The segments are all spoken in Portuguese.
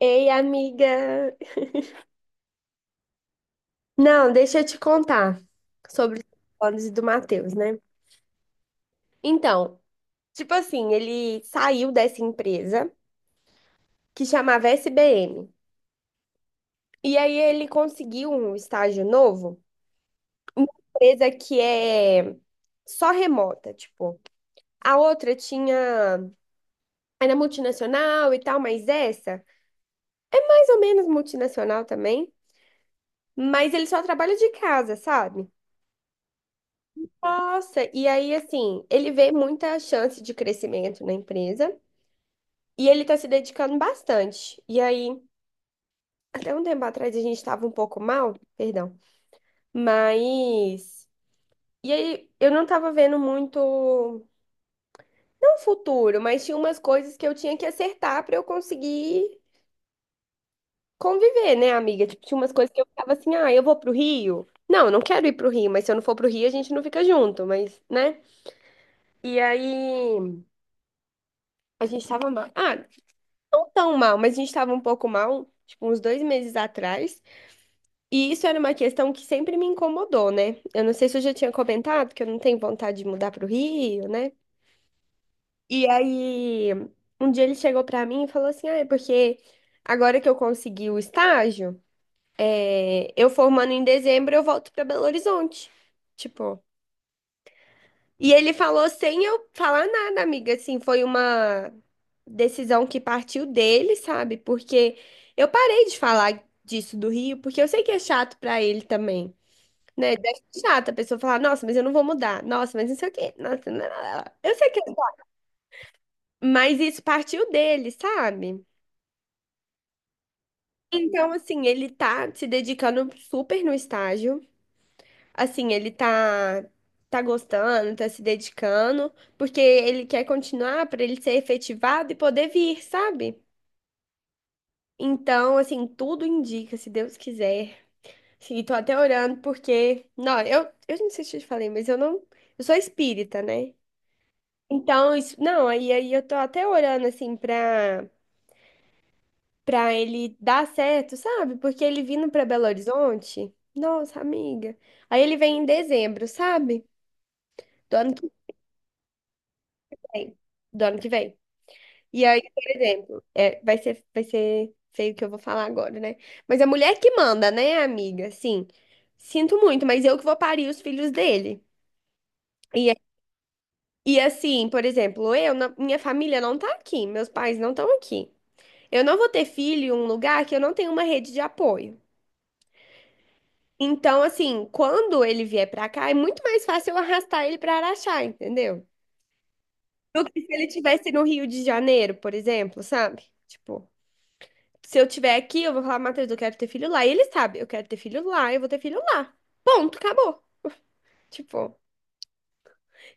Ei, amiga! Não, deixa eu te contar sobre os planos e do Matheus, né? Então, tipo assim, ele saiu dessa empresa que chamava SBM. E aí ele conseguiu um estágio novo, uma empresa que é só remota, tipo. A outra tinha, era multinacional e tal, mas essa, mais ou menos multinacional também, mas ele só trabalha de casa, sabe? Nossa, e aí, assim, ele vê muita chance de crescimento na empresa e ele tá se dedicando bastante. E aí, até um tempo atrás a gente tava um pouco mal, perdão, mas. E aí, eu não tava vendo muito, não futuro, mas tinha umas coisas que eu tinha que acertar pra eu conseguir conviver, né, amiga? Tipo, tinha umas coisas que eu ficava assim, ah, eu vou pro Rio. Não, eu não quero ir pro Rio, mas se eu não for pro Rio, a gente não fica junto, mas, né? E aí, a gente tava mal. Ah, não tão mal, mas a gente estava um pouco mal, tipo, uns 2 meses atrás. E isso era uma questão que sempre me incomodou, né? Eu não sei se eu já tinha comentado que eu não tenho vontade de mudar para o Rio, né? E aí, um dia ele chegou para mim e falou assim: ah, é porque agora que eu consegui o estágio, é, eu formando em dezembro, eu volto para Belo Horizonte. Tipo. E ele falou sem eu falar nada, amiga. Assim, foi uma decisão que partiu dele, sabe? Porque eu parei de falar disso do Rio, porque eu sei que é chato pra ele também, né? Deve ser chato a pessoa falar, nossa, mas eu não vou mudar. Nossa, mas não sei o quê. Nossa, não, não, não. Eu sei que é chato, mas isso partiu dele, sabe? Então, assim, ele tá se dedicando super no estágio. Assim, ele tá gostando, tá se dedicando, porque ele quer continuar para ele ser efetivado e poder vir, sabe? Então, assim, tudo indica, se Deus quiser. Sim, tô até orando porque, não, eu não sei se eu te falei, mas eu não, eu sou espírita, né? Então, isso, não, aí eu tô até orando assim pra para ele dar certo, sabe? Porque ele vindo pra Belo Horizonte, nossa, amiga. Aí ele vem em dezembro, sabe? Do ano que vem. Do ano que vem. E aí, por exemplo, é, vai ser feio o que eu vou falar agora, né? Mas a mulher que manda, né, amiga? Sim. Sinto muito, mas eu que vou parir os filhos dele. E, a- e assim, por exemplo, eu, minha família não tá aqui, meus pais não estão aqui. Eu não vou ter filho em um lugar que eu não tenho uma rede de apoio. Então, assim, quando ele vier pra cá, é muito mais fácil eu arrastar ele pra Araxá, entendeu? Do que se ele tivesse no Rio de Janeiro, por exemplo, sabe? Tipo. Se eu tiver aqui, eu vou falar, Matheus, eu quero ter filho lá. E ele sabe, eu quero ter filho lá, eu vou ter filho lá. Ponto, acabou. Tipo,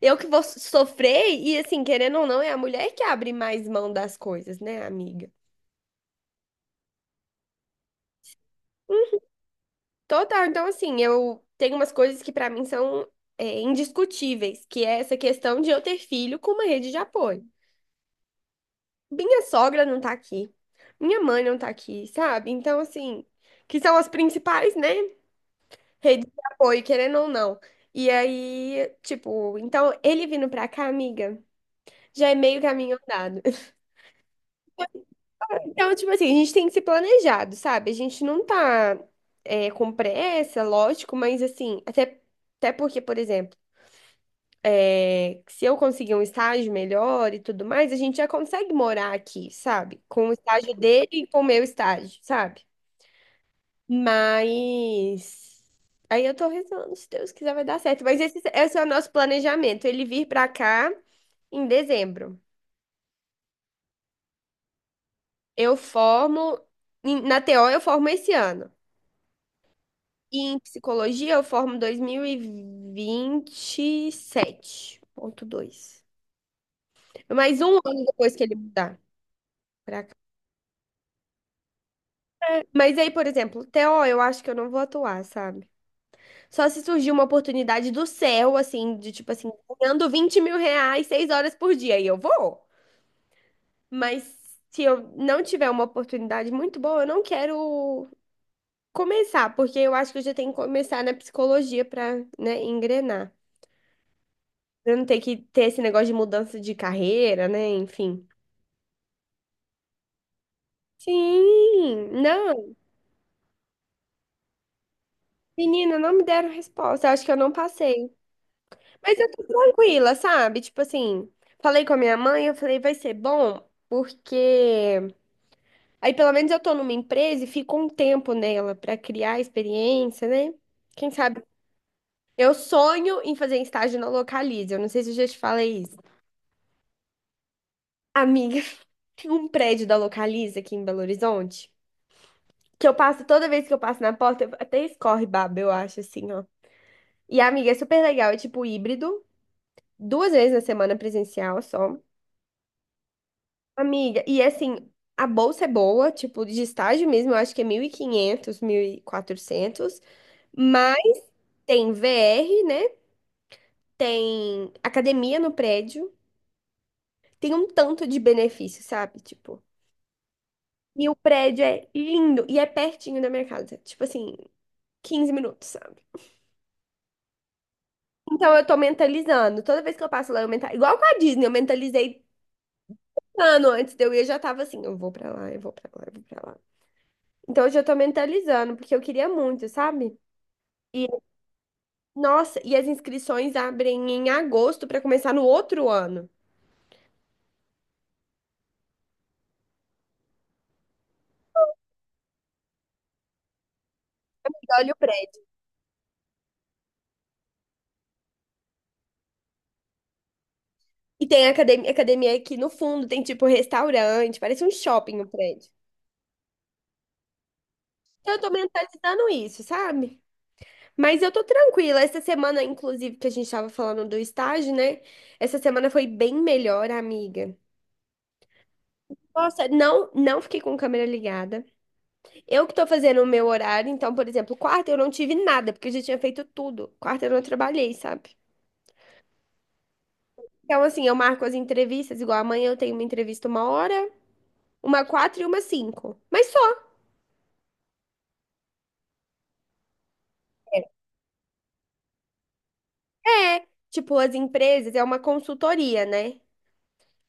eu que vou sofrer e, assim, querendo ou não, é a mulher que abre mais mão das coisas, né, amiga? Total, então, assim, eu tenho umas coisas que pra mim são indiscutíveis, que é essa questão de eu ter filho com uma rede de apoio. Minha sogra não tá aqui, minha mãe não tá aqui, sabe? Então, assim, que são as principais, né? Rede de apoio, querendo ou não. E aí, tipo, então ele vindo pra cá, amiga, já é meio caminho andado. Então, tipo assim, a gente tem que ser planejado, sabe? A gente não tá com pressa, lógico, mas assim, até, até porque, por exemplo, é, se eu conseguir um estágio melhor e tudo mais, a gente já consegue morar aqui, sabe? Com o estágio dele e com o meu estágio, sabe? Mas aí eu tô rezando, se Deus quiser vai dar certo. Mas esse é o nosso planejamento, ele vir pra cá em dezembro. Eu formo na TO eu formo esse ano. E em psicologia eu formo dois mil e vinte e sete ponto dois. Mais um ano depois que ele mudar pra cá. Mas aí, por exemplo, TO eu acho que eu não vou atuar, sabe? Só se surgir uma oportunidade do céu, assim, de tipo assim, ganhando 20 mil reais, 6 horas por dia, e eu vou. Mas se eu não tiver uma oportunidade muito boa, eu não quero começar, porque eu acho que eu já tenho que começar na psicologia para, né, engrenar. Pra eu não ter que ter esse negócio de mudança de carreira, né? Enfim. Sim, não, menina, não me deram resposta. Eu acho que eu não passei. Mas eu tô tranquila, sabe? Tipo assim, falei com a minha mãe, eu falei, vai ser bom, porque aí pelo menos eu tô numa empresa e fico um tempo nela pra criar experiência, né? Quem sabe. Eu sonho em fazer estágio na Localiza. Eu não sei se eu já te falei isso. Amiga, tem um prédio da Localiza aqui em Belo Horizonte que eu passo, toda vez que eu passo na porta, até escorre baba, eu acho, assim, ó. E, amiga, é super legal. É tipo híbrido, 2 vezes na semana presencial só. Amiga, e assim, a bolsa é boa, tipo, de estágio mesmo, eu acho que é mil e quinhentos, 1.400. Mas tem VR, né? Tem academia no prédio. Tem um tanto de benefício, sabe? Tipo. E o prédio é lindo e é pertinho da minha casa. Tipo assim, 15 minutos, sabe? Então eu tô mentalizando. Toda vez que eu passo lá, eu mentalizo. Igual com a Disney, eu mentalizei ano antes de eu ir, eu já tava assim, eu vou pra lá, eu vou pra lá, eu vou pra lá. Então eu já tô mentalizando, porque eu queria muito, sabe? E, nossa, e as inscrições abrem em agosto pra começar no outro ano. Amiga, olha o prédio. E tem academia, academia aqui no fundo, tem tipo restaurante, parece um shopping o prédio. Então eu tô mentalizando isso, sabe? Mas eu tô tranquila. Essa semana, inclusive, que a gente tava falando do estágio, né? Essa semana foi bem melhor, amiga. Nossa, não, não fiquei com câmera ligada. Eu que tô fazendo o meu horário, então, por exemplo, quarta eu não tive nada, porque eu já tinha feito tudo. Quarta eu não trabalhei, sabe? Então, assim, eu marco as entrevistas, igual amanhã eu tenho uma entrevista uma hora, uma quatro e uma cinco. Mas só. É, tipo, as empresas, é uma consultoria, né?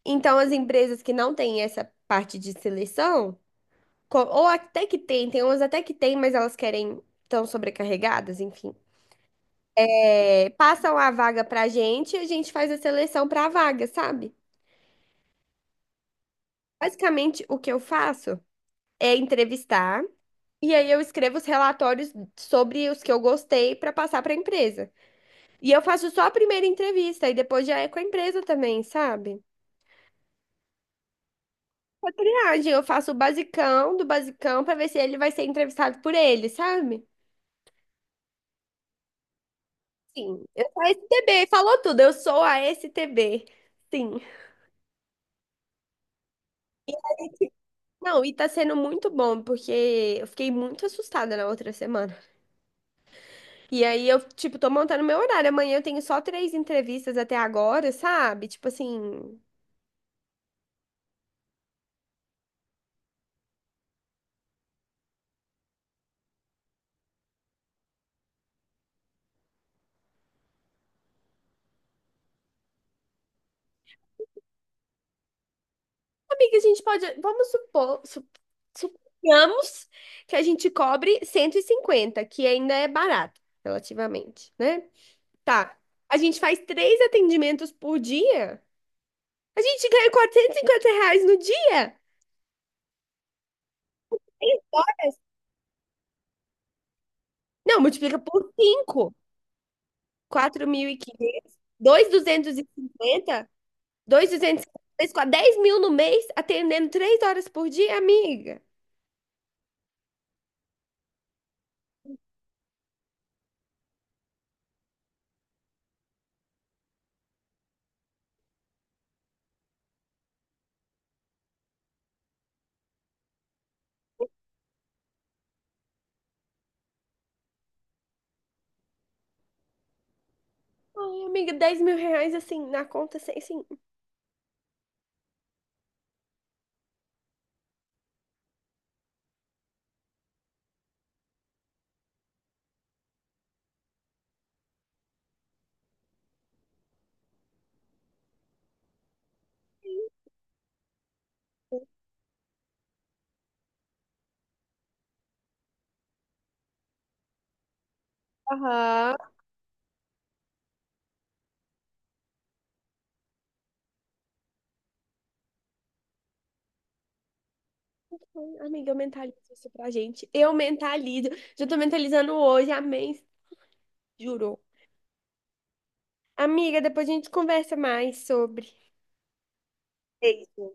Então, as empresas que não têm essa parte de seleção. Ou até que tem, tem umas até que tem, mas elas querem, estão sobrecarregadas, enfim. É, passam a vaga pra gente e a gente faz a seleção pra vaga, sabe? Basicamente, o que eu faço é entrevistar e aí eu escrevo os relatórios sobre os que eu gostei pra passar pra empresa. E eu faço só a primeira entrevista e depois já é com a empresa também, sabe? A triagem, eu faço o basicão do basicão pra ver se ele vai ser entrevistado por ele, sabe? Sim, eu sou a STB, falou tudo, eu sou a STB. Sim. Não, e tá sendo muito bom, porque eu fiquei muito assustada na outra semana. E aí eu, tipo, tô montando meu horário. Amanhã eu tenho só três entrevistas até agora, sabe? Tipo assim, amiga, a gente pode. Vamos supor. Suponhamos que a gente cobre 150 que ainda é barato, relativamente, né? Tá. A gente faz três atendimentos por dia. A gente ganha R$ 450 no dia. Não, multiplica por 5. 4.500, 2.250, 2.250, 10 mil duzentos e cinquenta, 2.250, 10 mil no mês, atendendo 3 horas por dia, amiga. Ai, amiga, 10 mil reais, assim, na conta, sem, assim. Aham. Ai, amiga, eu mentalizo isso pra gente. Eu mentalizo. Já tô mentalizando hoje, amém. Juro. Amiga, depois a gente conversa mais sobre. Beijo.